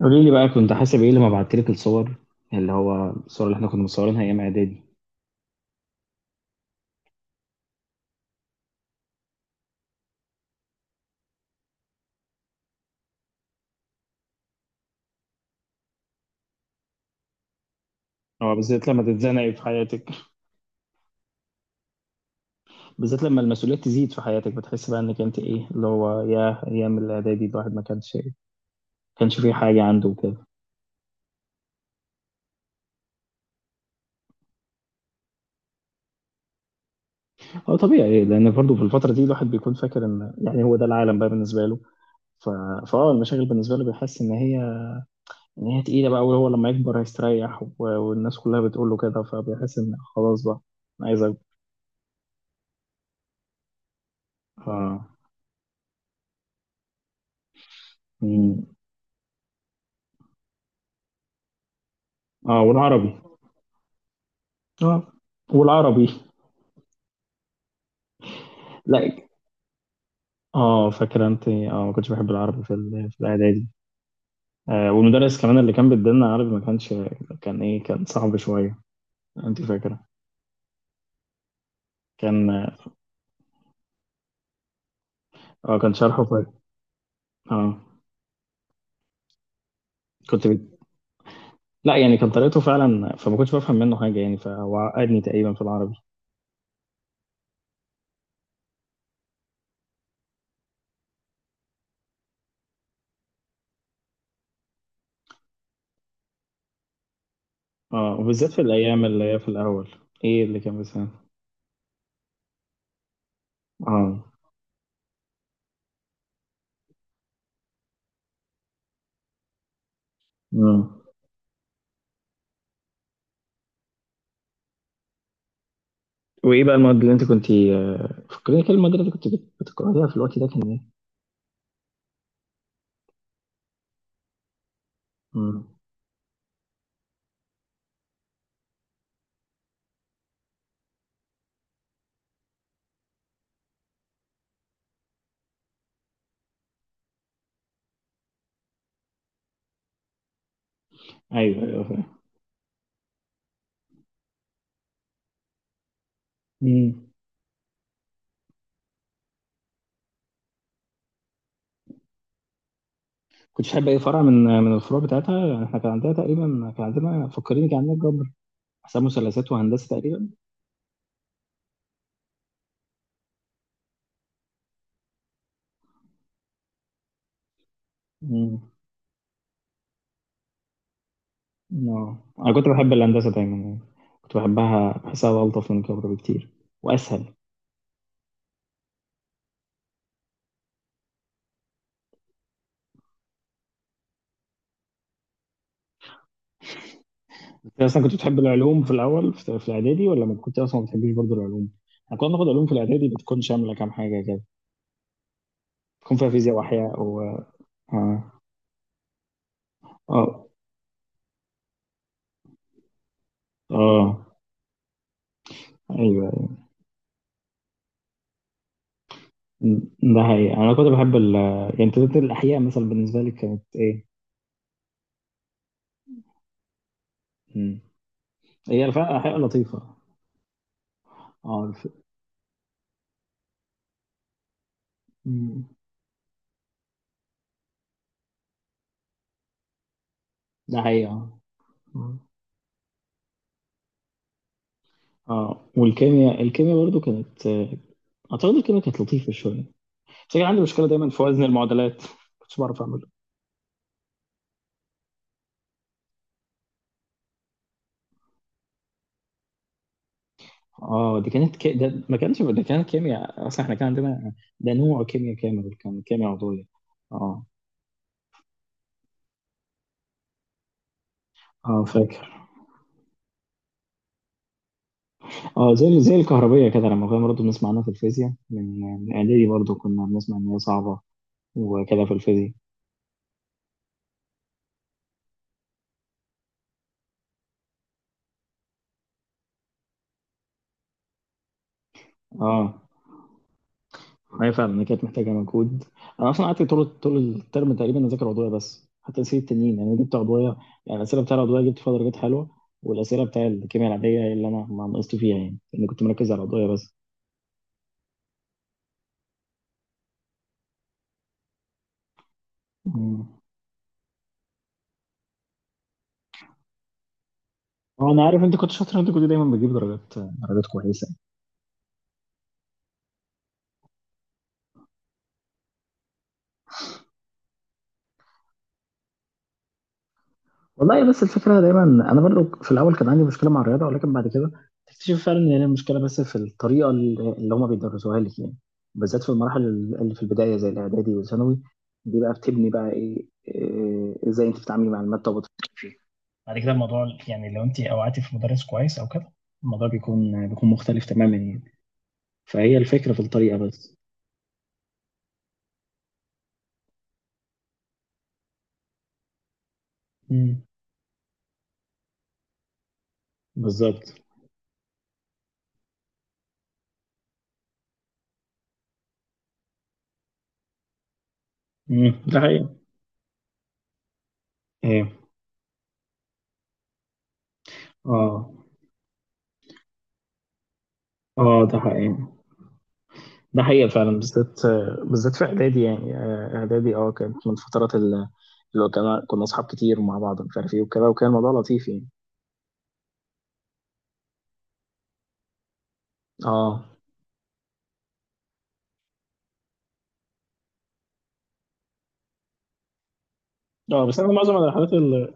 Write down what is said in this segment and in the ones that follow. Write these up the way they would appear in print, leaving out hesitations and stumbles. قولي لي بقى، كنت حاسب ايه لما بعت لك الصور؟ يعني اللي هو الصور اللي احنا كنا مصورينها ايام اعدادي. اه، بالذات لما تتزنقي في حياتك. بالذات لما المسؤوليات تزيد في حياتك بتحس بقى انك انت ايه اللي هو، يا ايام الاعدادي الواحد ما كانش فيه حاجه عنده وكده. هو طبيعي لان برضه في الفتره دي الواحد بيكون فاكر ان يعني هو ده العالم بقى بالنسبه له. ف... المشاغل بالنسبه له بيحس ان هي، ان هي تقيله بقى، وهو لما يكبر هيستريح والناس كلها بتقول له كده، فبيحس ان خلاص بقى أنا عايز اكبر. ف... مم. اه، والعربي. اه، والعربي. لا، اه فاكر، انت اه، ما كنتش بحب العربي في الاعدادي. آه، والمدرس كمان اللي كان بيدينا عربي ما كانش، كان ايه، كان صعب شويه. انت فاكره؟ كان، اه كان شرحه اه، كنت بت... لا، يعني كان طريقته فعلا، فما كنتش بفهم منه حاجه يعني، فهو عقدني تقريبا في العربي. اه، وبالذات في الايام اللي هي في الاول. ايه اللي كان بيسمع؟ اه. مم. وايه بقى المواد اللي انت كنت، آه، فكرني كده، المواد اللي انت كنت بتكرهيها في الوقت ده كان ايه؟ مم. ايوه ايوه، فاهم. مم. كنتش بحب اي فرع من الفروع بتاعتها؟ يعني احنا كان عندنا تقريبا، كان عندنا، فكريني، كان عندنا جبر، حساب مثلثات وهندسه تقريبا. امم. اه، انا كنت بحب الهندسه دايما يعني، كنت بحبها، بحسها الطف من الجبر بكتير، واسهل. انت اصلا كنت بتحب العلوم في الاول، في في الاعدادي، ولا ما كنت اصلا ما بتحبيش برضه العلوم؟ احنا كنا بناخد علوم في الاعدادي بتكون شامله كام حاجه كده، بتكون فيها فيزياء واحياء و... اه. اه. اه. ايوه، ده حقيقي، انا كنت بحب ال، يعني تلاتة، الاحياء مثلا بالنسبه لي كانت. ايه؟ هي الفرق حقيقة لطيفة. اه الف... مم. ده حقيقة، اه. مم. اه، والكيمياء، الكيمياء برضو كانت، اعتقد الكيمياء كانت لطيفة شوية، بس كان عندي مشكلة دايما في وزن المعادلات. كنتش بعرف اعمله. اه، دي كانت ده ما كانش، ده كانت كيمياء، اصلا احنا كان عندنا، ده نوع كيمياء كامل، كان كيمياء عضوية. اه. اه فاكر. اه، زي زي الكهربية كده، لما كنا برضه بنسمع عنها في الفيزياء من اعدادي، برضه كنا بنسمع ان هي صعبة وكده، في الفيزياء. اه، ما هي فعلا هي كانت محتاجه مجهود. انا اصلا قعدت طول الترم تقريبا اذاكر عضويه بس، حتى اسئله التنين يعني جبت عضويه، يعني الاسئله بتاع العضويه جبت فيها درجات حلوه، والاسئله بتاع الكيمياء العاديه هي اللي انا ما نقصت فيها يعني، لاني كنت مركز على العضويه بس. مم. هو انا عارف انت كنت شاطر، انت كنت دايما بتجيب درجات كويسه. والله، بس الفكرة دايما، أنا برضو في الأول كان عندي مشكلة مع الرياضة، ولكن بعد كده تكتشف فعلا إن هي المشكلة بس في الطريقة اللي هما بيدرسوها لك يعني، بالذات في المراحل اللي في البداية زي الإعدادي والثانوي، دي بقى بتبني بقى إيه، إزاي أنت بتتعاملي مع المادة وبتفكري فيها. بعد كده الموضوع يعني، لو انت اوعتي في مدرس كويس او كده، الموضوع بيكون مختلف تماما يعني، فهي الفكرة في الطريقة بس. امم. بالظبط. مم، ده حقيقي. إيه. اه. اه، ده حقيقي، ده حقيقة فعلا، بالذات، بالذات في إعدادي يعني. آه، إعدادي، أه كانت من الفترات اللي كنا أصحاب كتير ومع بعض، مش عارف إيه وكده، وكان الموضوع لطيف يعني. أه. أه، بس أنا معظم الرحلات اللي،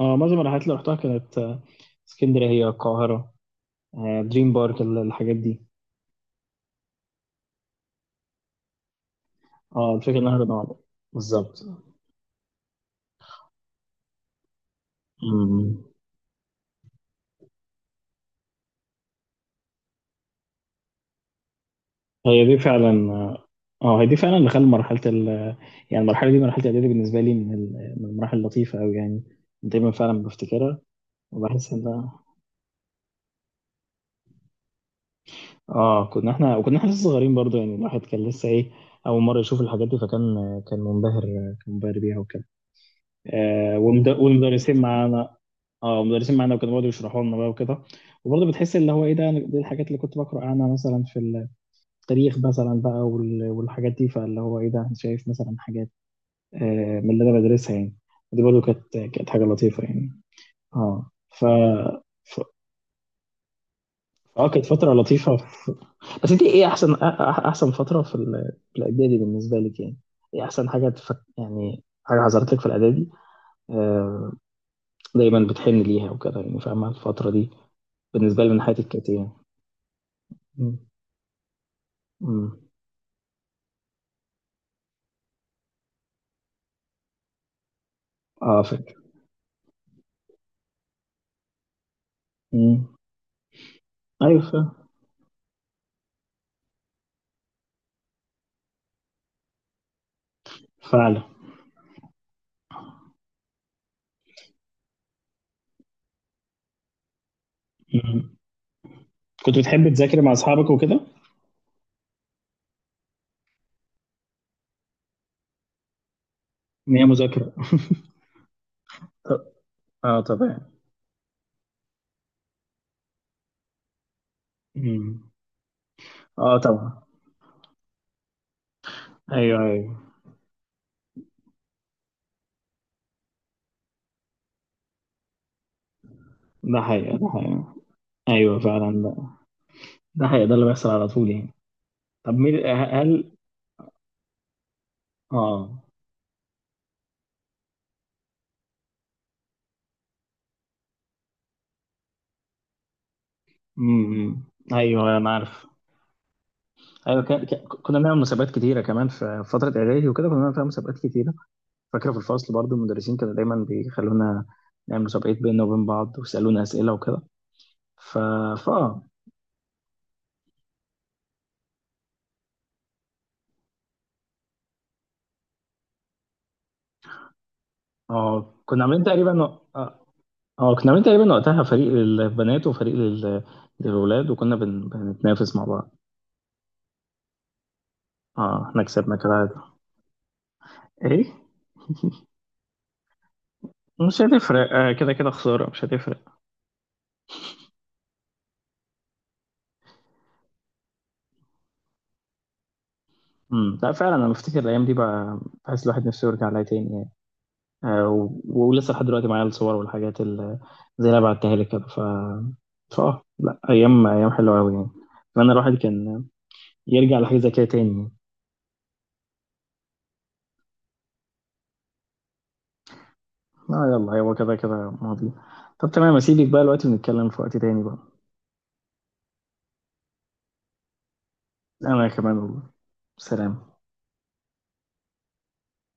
أه معظم الرحلات اللي رحتها كانت، آه، اسكندرية، القاهرة، آه، دريم بارك، الحاجات دي. أه، الفكرة إنها نقعد. بالظبط. أمم. هي دي فعلا، أه. آه، هي دي فعلا اللي خلى مرحلة ال، يعني المرحلة دي، مرحلة إعدادي بالنسبة لي من المراحل اللطيفة أوي يعني. دايما فعلا بفتكرها. وبحس إن ده، اه كنا احنا، وكنا احنا لسه صغيرين برضه يعني، الواحد كان لسه ايه، اول مره يشوف الحاجات دي، فكان، كان منبهر بيها وكده. آه، والمدرسين معانا. اه، المدرسين معانا وكانوا بيقعدوا يشرحوا لنا بقى وكده. وبرضه بتحس اللي هو ايه ده، دي الحاجات اللي كنت بقرا عنها مثلا في التاريخ مثلا بقى، والحاجات دي، فاللي هو ايه ده، أنا شايف مثلا حاجات، آه، من اللي انا بدرسها يعني، دي برضه كانت حاجه لطيفه يعني. اه. ف، اه كانت فترة لطيفة بس انت ايه احسن احسن فترة في الاعدادي بالنسبة لك يعني؟ ايه احسن حاجة يعني حاجة حصلت لك في الاعدادي، آه، دايما بتحن ليها وكده يعني، فاهمة الفترة دي بالنسبة لي من حياتك كانت ايه؟ مم. مم. اه فاكر. مم. ايوه فعلا. مم. كنت بتحب تذاكر مع اصحابك وكده؟ ان هي مذاكرة. ط- اه طبعا. مم. اه طبعا. ايوه ايوه. ده حقيقة، ده حقيقة. ايوه فعلا، ده، ده حقيقة، ده اللي بيحصل على طول يعني. طب مين هل؟ اه. امم. ايوه انا عارف. ايوه كان، كنا بنعمل مسابقات كتيره كمان في، في فتره اعدادي وكده، كنا بنعمل فيها مسابقات كتيره. فاكره في الفصل برضو المدرسين كانوا دايما بيخلونا نعمل مسابقات بيننا وبين بعض، ويسالونا اسئله وكده. ف، فا، اه، آه، كنا عاملين تقريبا، اه، آه، كنا عاملين تقريبا وقتها فريق للبنات وفريق للولاد، بنتنافس مع بعض. اه احنا كسبنا كده عادي. ايه. مش هتفرق، آه كده كده خساره، مش هتفرق. امم. لا فعلا انا بفتكر الايام دي بقى، بحس الواحد نفسه يرجع لها تاني يعني. آه ولسه لحد دلوقتي معايا الصور والحاجات اللي، زي اللي أنا بعتها لك كده. ف، لا، ايام، ايام حلوه قوي يعني، اتمنى الواحد كان يرجع لحاجه زي كده تاني يعني. اه يلا، هو كده كده ماضي. طب تمام، اسيبك بقى دلوقتي ونتكلم في وقت تاني بقى. انا كمان والله، سلام.